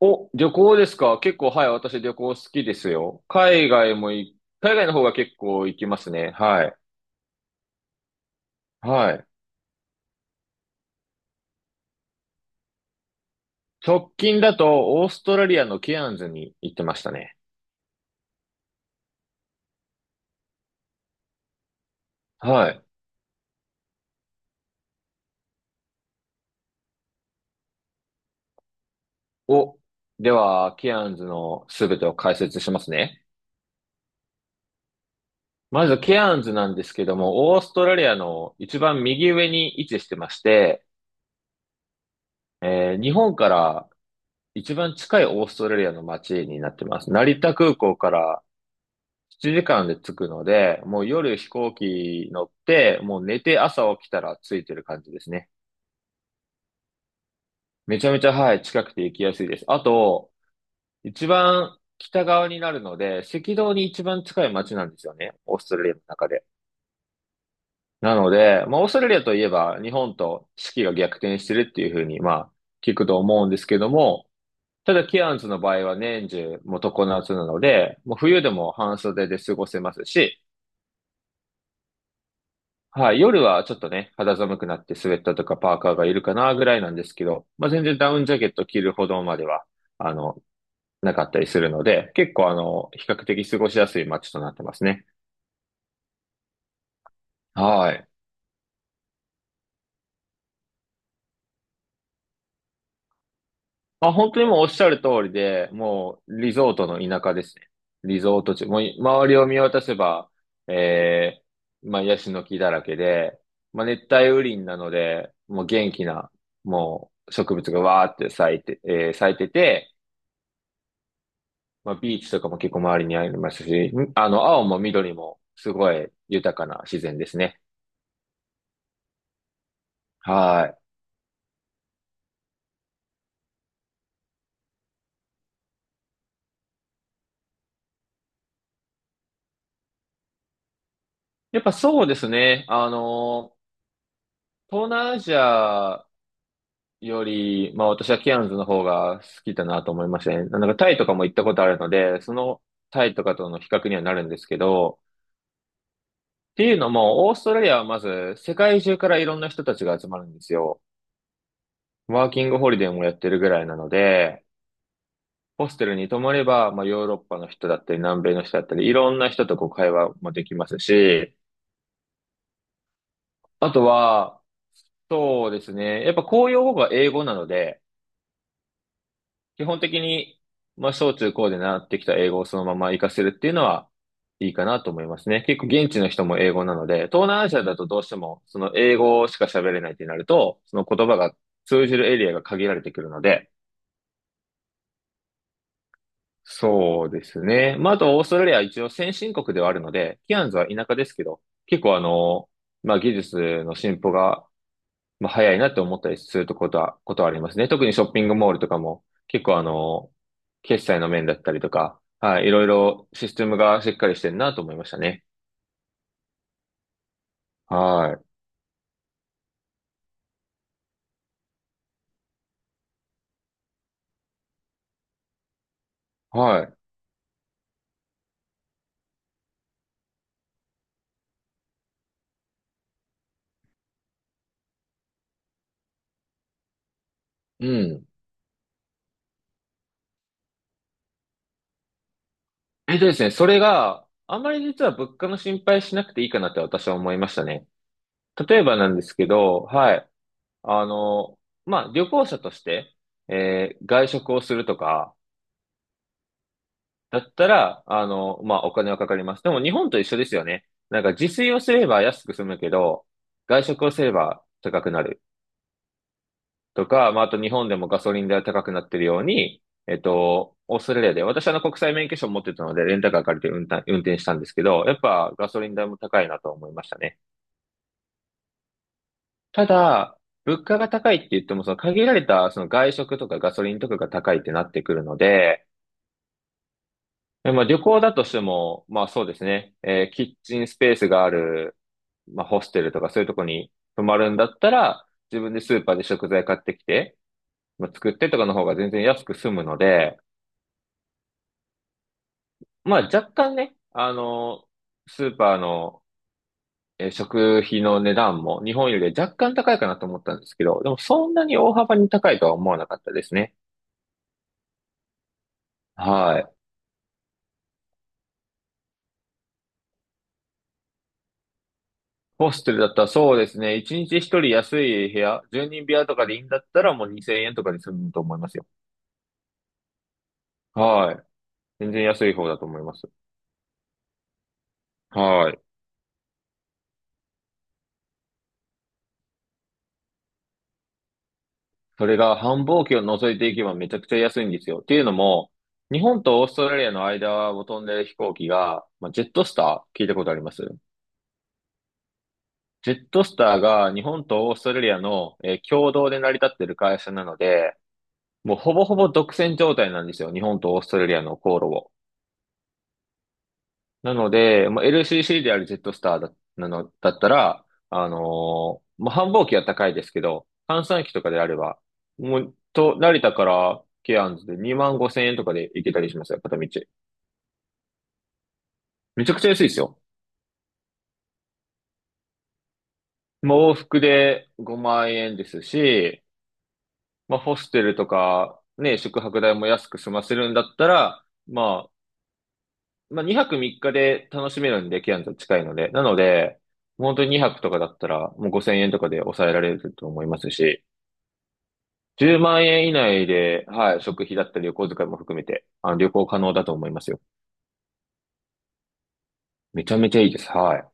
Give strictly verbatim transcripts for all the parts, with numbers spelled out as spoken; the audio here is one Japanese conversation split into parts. お、旅行ですか？結構、はい、私旅行好きですよ。海外もい、海外の方が結構行きますね。はい。はい。直近だと、オーストラリアのケアンズに行ってましたね。はい。お、では、ケアンズのすべてを解説しますね。まず、ケアンズなんですけども、オーストラリアの一番右上に位置してまして、えー日本から一番近いオーストラリアの街になってます。成田空港からしちじかんで着くので、もう夜飛行機乗って、もう寝て朝起きたら着いてる感じですね。めちゃめちゃ、はい、近くて行きやすいです。あと、一番北側になるので、赤道に一番近い街なんですよね。オーストラリアの中で。なので、まあ、オーストラリアといえば、日本と四季が逆転してるっていうふうに、まあ、聞くと思うんですけども、ただ、ケアンズの場合は年中、もう常夏なので、もう冬でも半袖で過ごせますし、はい、夜はちょっとね、肌寒くなってスウェットとかパーカーがいるかなぐらいなんですけど、まあ、全然ダウンジャケット着るほどまでは、あの、なかったりするので、結構あの、比較的過ごしやすい街となってますね。はい。まあ、本当にもうおっしゃる通りで、もうリゾートの田舎ですね。リゾート地、もう周りを見渡せば、えー、まあ、ヤシの木だらけで、まあ、熱帯雨林なので、もう元気な、もう植物がわーって咲いて、えー咲いてて、まあ、ビーチとかも結構周りにありますし、んあの、青も緑もすごい豊かな自然ですね。はい。やっぱそうですね。あの、東南アジアより、まあ私はケアンズの方が好きだなと思いましたね。なんかタイとかも行ったことあるので、そのタイとかとの比較にはなるんですけど、っていうのも、オーストラリアはまず世界中からいろんな人たちが集まるんですよ。ワーキングホリデーもやってるぐらいなので、ホステルに泊まれば、まあ、ヨーロッパの人だったり、南米の人だったり、いろんな人とこう会話もできますし、あとは、そうですね、やっぱ公用語が英語なので、基本的に、まあ、小中高で習ってきた英語をそのまま活かせるっていうのは、いいかなと思いますね。結構現地の人も英語なので、東南アジアだとどうしても、その英語しか喋れないってなると、その言葉が通じるエリアが限られてくるので、そうですね。まあ、あと、オーストラリアは一応先進国ではあるので、ケアンズは田舎ですけど、結構あの、まあ、技術の進歩が、まあ、早いなって思ったりするとことは、ことはありますね。特にショッピングモールとかも、結構あの、決済の面だったりとか、はい、いろいろシステムがしっかりしてるなと思いましたね。はい。はい。うん。えっとですね、それがあまり実は物価の心配しなくていいかなって私は思いましたね。例えばなんですけど、はい。あの、まあ、旅行者として、えー外食をするとか、だったら、あの、まあ、お金はかかります。でも、日本と一緒ですよね。なんか、自炊をすれば安く済むけど、外食をすれば高くなる。とか、まあ、あと日本でもガソリン代は高くなってるように、えっと、オーストラリアで、私はあの国際免許証を持ってたので、レンタカー借りて運転、運転したんですけど、やっぱガソリン代も高いなと思いましたね。ただ、物価が高いって言っても、その限られたその外食とかガソリンとかが高いってなってくるので、えまあ、旅行だとしても、まあそうですね、えーキッチンスペースがある、まあホステルとかそういうとこに泊まるんだったら、自分でスーパーで食材買ってきて、まあ、作ってとかの方が全然安く済むので、まあ若干ね、あの、スーパーの、えー食費の値段も日本より若干高いかなと思ったんですけど、でもそんなに大幅に高いとは思わなかったですね。はい。ホステルだったらそうですね、いちにちひとり安い部屋、ひとり部屋とかでいいんだったらもうにせんえんとかで済むと思いますよ。はい。全然安い方だと思います。はい。それが繁忙期を除いていけばめちゃくちゃ安いんですよ。っていうのも、日本とオーストラリアの間を飛んでる飛行機が、まあ、ジェットスター聞いたことあります？ジェットスターが日本とオーストラリアの、えー共同で成り立ってる会社なので、もうほぼほぼ独占状態なんですよ。日本とオーストラリアの航路を。なので、まあ、エルシーシー であるジェットスターだ、なの、だったら、あのーまあ、繁忙期は高いですけど、閑散期とかであれば、もう、と、成田からケアンズでにまんごせん円とかで行けたりしますよ、片道。めちゃくちゃ安いですよ。まあ、往復でごまん円ですし、まあ、ホステルとか、ね、宿泊代も安く済ませるんだったら、まあ、まあ、にはくみっかで楽しめるんで、ケアンズは近いので。なので、本当ににはくとかだったら、もうごせん円とかで抑えられると思いますし、じゅうまん円以内で、はい、食費だったり旅行遣いも含めて、あの、旅行可能だと思いますよ。めちゃめちゃいいです。はい。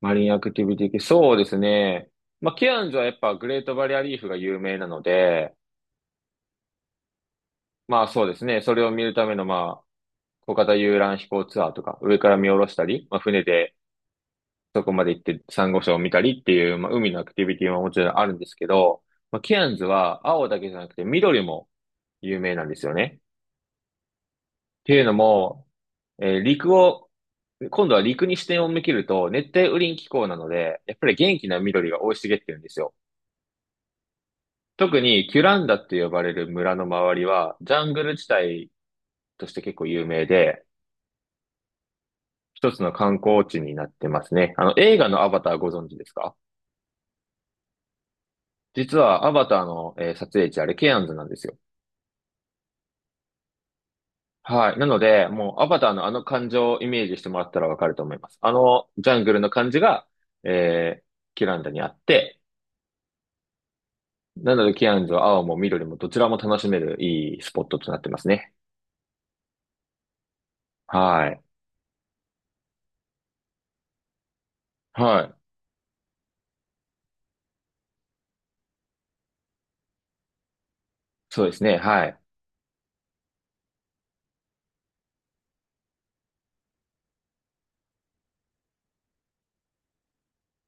マリンアクティビティ系、そうですね。まあ、ケアンズはやっぱグレートバリアリーフが有名なので、まあそうですね、それを見るための、まあ、小型遊覧飛行ツアーとか、上から見下ろしたり、まあ、船でそこまで行ってサンゴ礁を見たりっていう、まあ、海のアクティビティはもちろんあるんですけど、まあ、ケアンズは青だけじゃなくて緑も有名なんですよね。ていうのも、えー陸を、今度は陸に視点を向けると、熱帯雨林気候なので、やっぱり元気な緑が生い茂ってるんですよ。特にキュランダって呼ばれる村の周りは、ジャングル地帯として結構有名で、一つの観光地になってますね。あの、映画のアバターご存知ですか？実はアバターの、えー撮影地、あれケアンズなんですよ。はい。なので、もうアバターのあの感情をイメージしてもらったらわかると思います。あのジャングルの感じが、えーキュランダにあって、なので、キアンズは青も緑もどちらも楽しめるいいスポットとなってますね。はい。はい。そうですね。はい。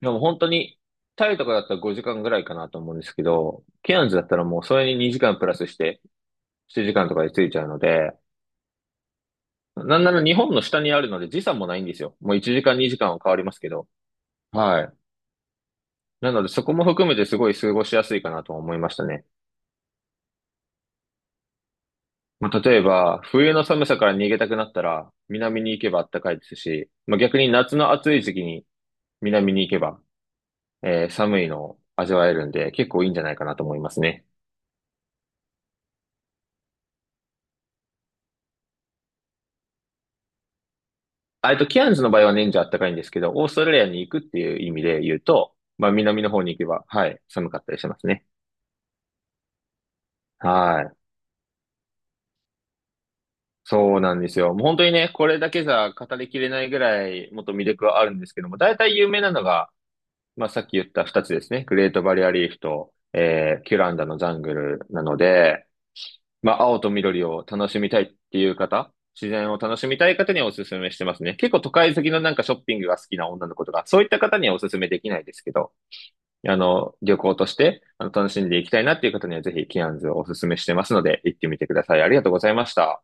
でも本当に、タイとかだったらごじかんぐらいかなと思うんですけど、ケアンズだったらもうそれににじかんプラスして、しちじかんとかで着いちゃうので、なんなら日本の下にあるので時差もないんですよ。もういちじかんにじかんは変わりますけど。はい。なのでそこも含めてすごい過ごしやすいかなと思いましたね。まあ、例えば、冬の寒さから逃げたくなったら、南に行けば暖かいですし、まあ、逆に夏の暑い時期に南に行けば、えー寒いのを味わえるんで、結構いいんじゃないかなと思いますね。あえっと、キアンズの場合は年中暖かいんですけど、オーストラリアに行くっていう意味で言うと、まあ、南の方に行けば、はい、寒かったりしますね。はい。そうなんですよ。もう本当にね、これだけじゃ語りきれないぐらい、もっと魅力はあるんですけども、大体有名なのが、まあ、さっき言った二つですね。グレートバリアリーフと、えーキュランダのジャングルなので、まあ、青と緑を楽しみたいっていう方、自然を楽しみたい方にはおすすめしてますね。結構都会好きのなんかショッピングが好きな女の子とか、そういった方にはおすすめできないですけど、あの、旅行としてあの楽しんでいきたいなっていう方にはぜひケアンズをおすすめしてますので、行ってみてください。ありがとうございました。